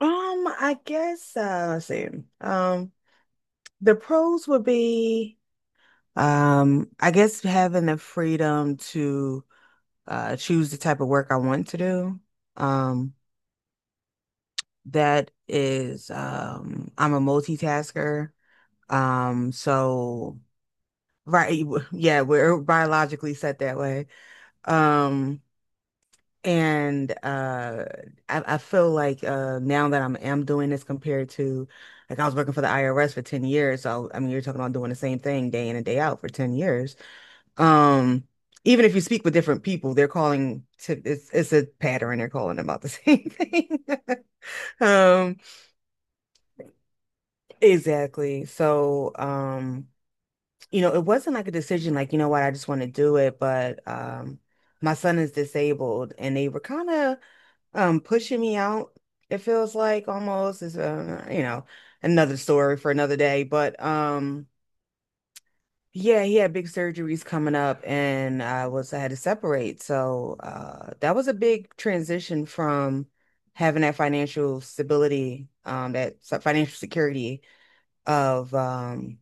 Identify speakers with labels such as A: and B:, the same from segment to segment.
A: I guess let's see. Um, the pros would be, I guess having the freedom to choose the type of work I want to do. Um, that is, I'm a multitasker. So right, yeah, we're biologically set that way. Um, And I feel like now that I'm am doing this compared to like I was working for the IRS for 10 years. So I mean you're talking about doing the same thing day in and day out for 10 years. Um, Even if you speak with different people, they're calling to it's a pattern, they're calling about the same thing. Um, exactly. So you know, it wasn't like a decision like, you know what, I just want to do it, but my son is disabled and they were kind of pushing me out. It feels like almost is you know, another story for another day, but yeah, he had big surgeries coming up and I had to separate, so that was a big transition from having that financial stability, that financial security of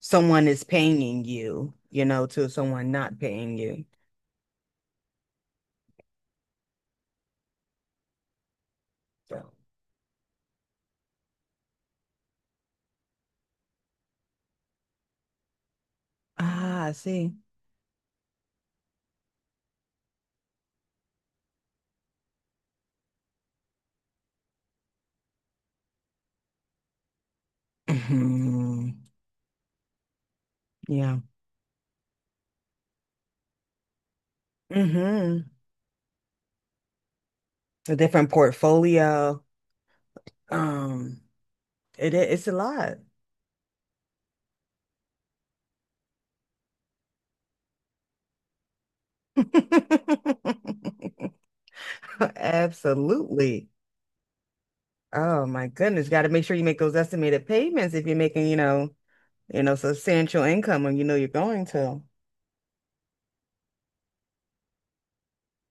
A: someone is paying you, you know, to someone not paying you. So. Ah, I see. Yeah. Hmm. A different portfolio. Um, it's a lot. Absolutely. Oh my goodness. Got to make sure you make those estimated payments if you're making, you know, substantial income when you know you're going to.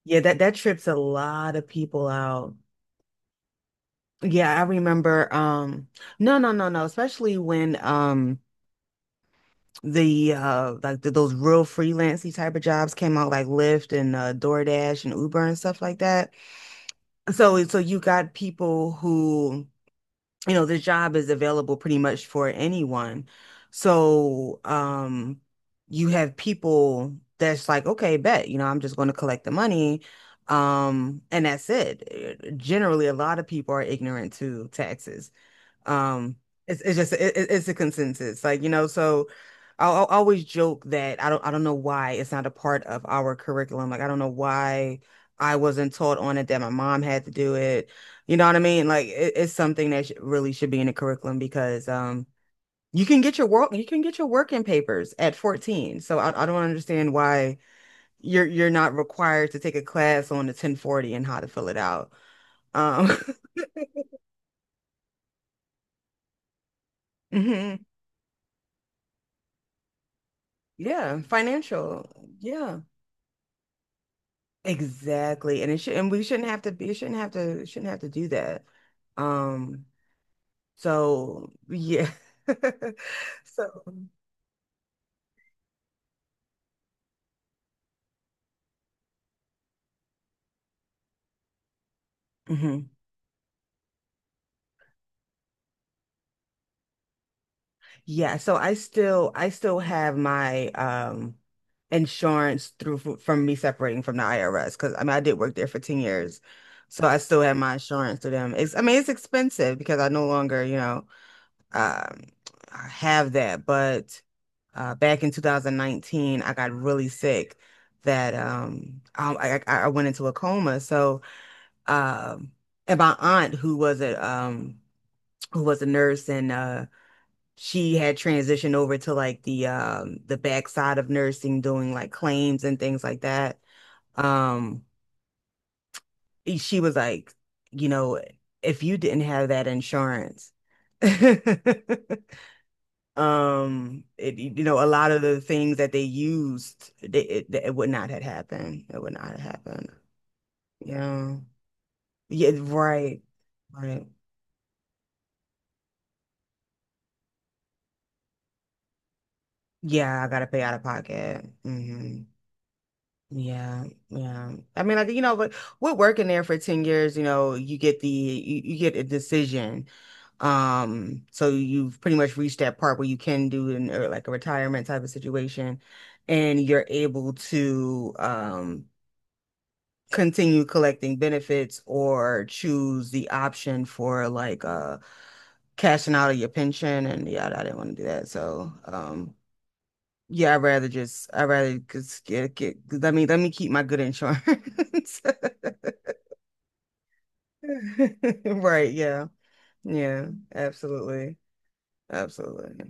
A: Yeah, that trips a lot of people out. Yeah, I remember no, no, no, no, especially when the like those real freelancy type of jobs came out like Lyft and DoorDash and Uber and stuff like that. So you got people who, you know, the job is available pretty much for anyone. So you have people that's like, okay, bet, you know, I'm just going to collect the money. And that's it. Generally, a lot of people are ignorant to taxes. Um, it's a consensus, like you know. So I'll always joke that I don't know why it's not a part of our curriculum. Like I don't know why I wasn't taught on it, that my mom had to do it. You know what I mean? Like it's something that sh really should be in the curriculum, because you can get your working papers at 14. So I don't understand why you're not required to take a class on the 1040 and how to fill it out. Um, mhm. Yeah, financial. Yeah. Exactly. And it should, and we shouldn't have to be shouldn't have to do that. Um so yeah. So, mhm. Yeah, so I still have my insurance through from me separating from the IRS, because I mean I did work there for 10 years. So I still have my insurance through them. It's, I mean, it's expensive because I no longer, you know, um have that, but back in 2019 I got really sick, that I went into a coma. So um and my aunt, who was a nurse, and she had transitioned over to like the backside of nursing, doing like claims and things like that. Um she was like, you know, if you didn't have that insurance it, you know, a lot of the things that they used, it would not have happened. It would not have happened. Yeah. Yeah, right. Right. Yeah, I gotta pay out of pocket. Hmm. Yeah, yeah. I mean, like, you know, but we're working there for 10 years, you know, you get the you get a decision. So you've pretty much reached that part where you can do an or like a retirement type of situation, and you're able to continue collecting benefits or choose the option for like cashing out of your pension. And yeah, I didn't want to do that. So yeah, I'd rather just get let me keep my good insurance. Right, yeah. Yeah, absolutely. Absolutely.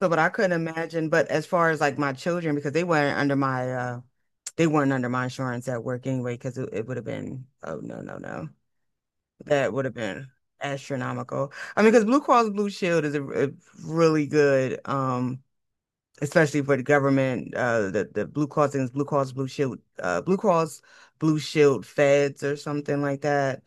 A: So but I couldn't imagine, but as far as like my children, because they weren't under my they weren't under my insurance at work anyway, because it would have been, oh no, no, no. That would have been astronomical. I mean, because Blue Cross Blue Shield is a really good, especially for the government. The Blue Cross and Blue Cross Blue Shield, Blue Cross Blue Shield Feds or something like that.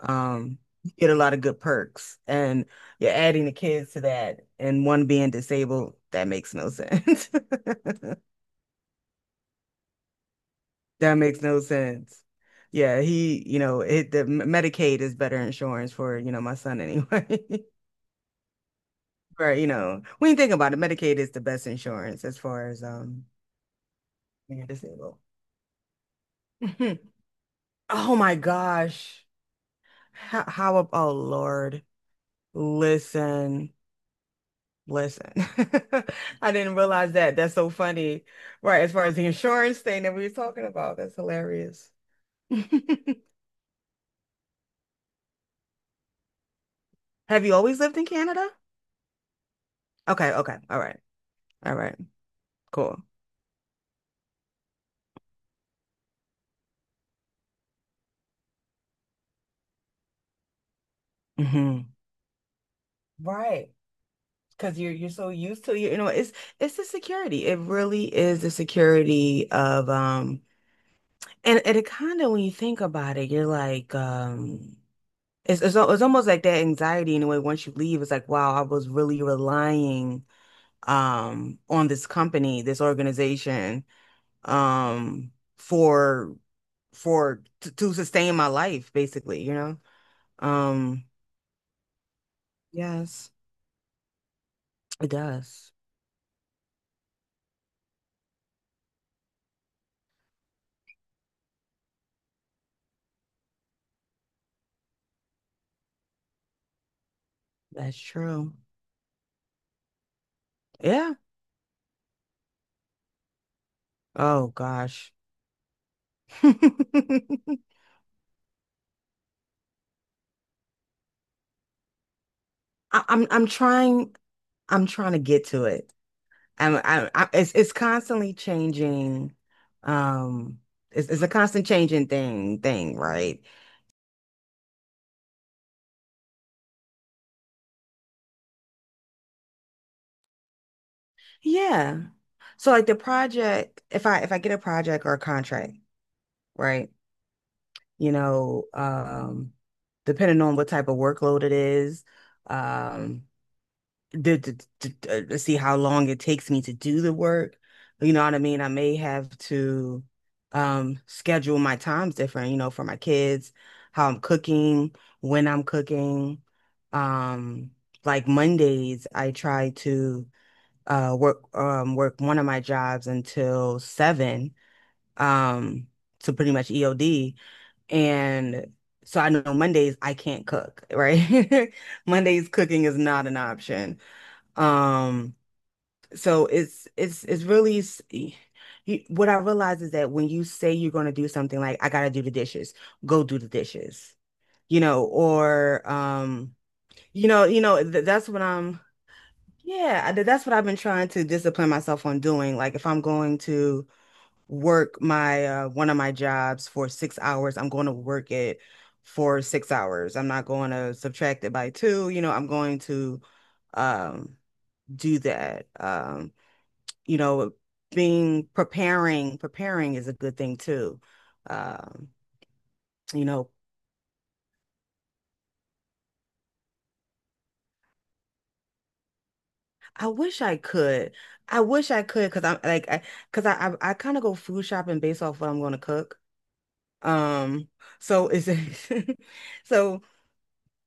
A: Um, you get a lot of good perks, and you're adding the kids to that, and one being disabled, that makes no sense. That makes no sense. Yeah, he, you know, it the Medicaid is better insurance for, you know, my son anyway. Or, you know, when you think about it, Medicaid is the best insurance as far as being disabled. Oh my gosh. Oh Lord. Listen, listen. I didn't realize that. That's so funny. Right, as far as the insurance thing that we were talking about, that's hilarious. Have you always lived in Canada? Okay, okay. All right. All right. Cool. Hmm. Right. Because you're so used to, you know, it's the security, it really is the security of, and it kind of, when you think about it, you're like, it's almost like that anxiety in a way. Once you leave, it's like, wow, I was really relying on this company, this organization, um for to sustain my life basically, you know. um yes, it does. That's true. Yeah. Oh gosh. I, I'm trying, I'm trying to get to it. I, it's constantly changing. Um, it's a constant changing thing, right? Yeah. So like the project, if I get a project or a contract, right? You know, depending on what type of workload it is, um, the, to see how long it takes me to do the work. You know what I mean? I may have to schedule my times different, you know, for my kids, how I'm cooking, when I'm cooking. Um, like Mondays, I try to work one of my jobs until seven, um, so pretty much EOD. And so I know Mondays I can't cook, right? Mondays cooking is not an option. Um, so it's really s- y- y- What I realize is that when you say you're going to do something, like I gotta do the dishes, go do the dishes, you know, or you know, th that's what yeah, that's what I've been trying to discipline myself on doing. Like if I'm going to work my one of my jobs for 6 hours, I'm going to work it for 6 hours. I'm not going to subtract it by two, you know, I'm going to um do that. You know, being preparing, preparing is a good thing too. Um, you know, I wish I could. I wish I could, because I'm like, I because I kind of go food shopping based off what I'm going to cook. Um, so it's so,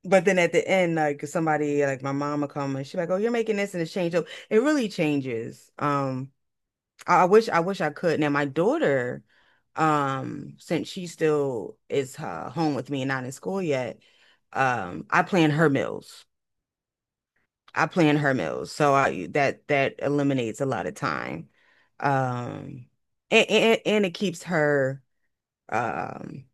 A: but then at the end, like somebody like my mama come and she like, oh, you're making this, and it's changed. So it really changes. I wish, I could. Now my daughter, since she still is home with me and not in school yet, I plan her meals. I plan her meals, so I that eliminates a lot of time, um, and and it keeps her, um,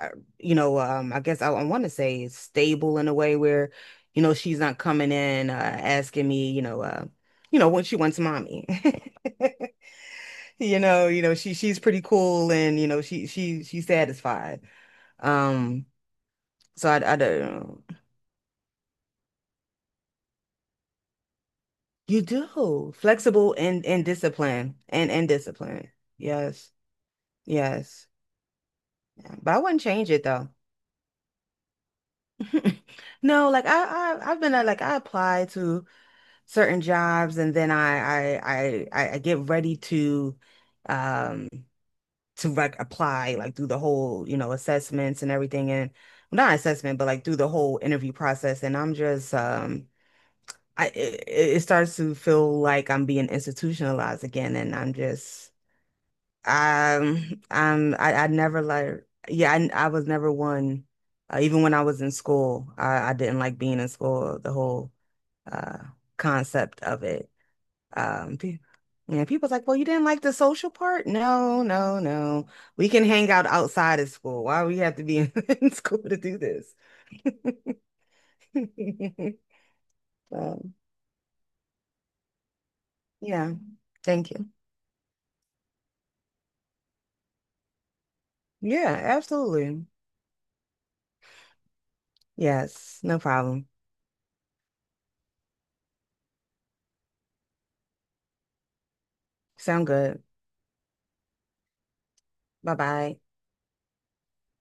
A: uh, you know, I guess I want to say stable in a way where, you know, she's not coming in asking me, you know, what she wants, mommy. You know, you know, she's pretty cool, and you know, she's satisfied. Um, so I don't. You do. Flexible and discipline, and discipline. Yes. Yes. Yeah. But I wouldn't change it though. No, like I've been like I apply to certain jobs, and then I get ready to um like apply, like through the whole, you know, assessments and everything, and not assessment, but like through the whole interview process. And I'm just I, it starts to feel like I'm being institutionalized again, and I'm just I never like, yeah, I was never one even when I was in school, I didn't like being in school, the whole uh concept of it. Um, pe- yeah, people's like, well, you didn't like the social part? No, no, no. We can hang out outside of school. Why we have to be in, in school to do this? So, yeah, thank you. Yeah, absolutely. Yes, no problem. Sound good. Bye bye.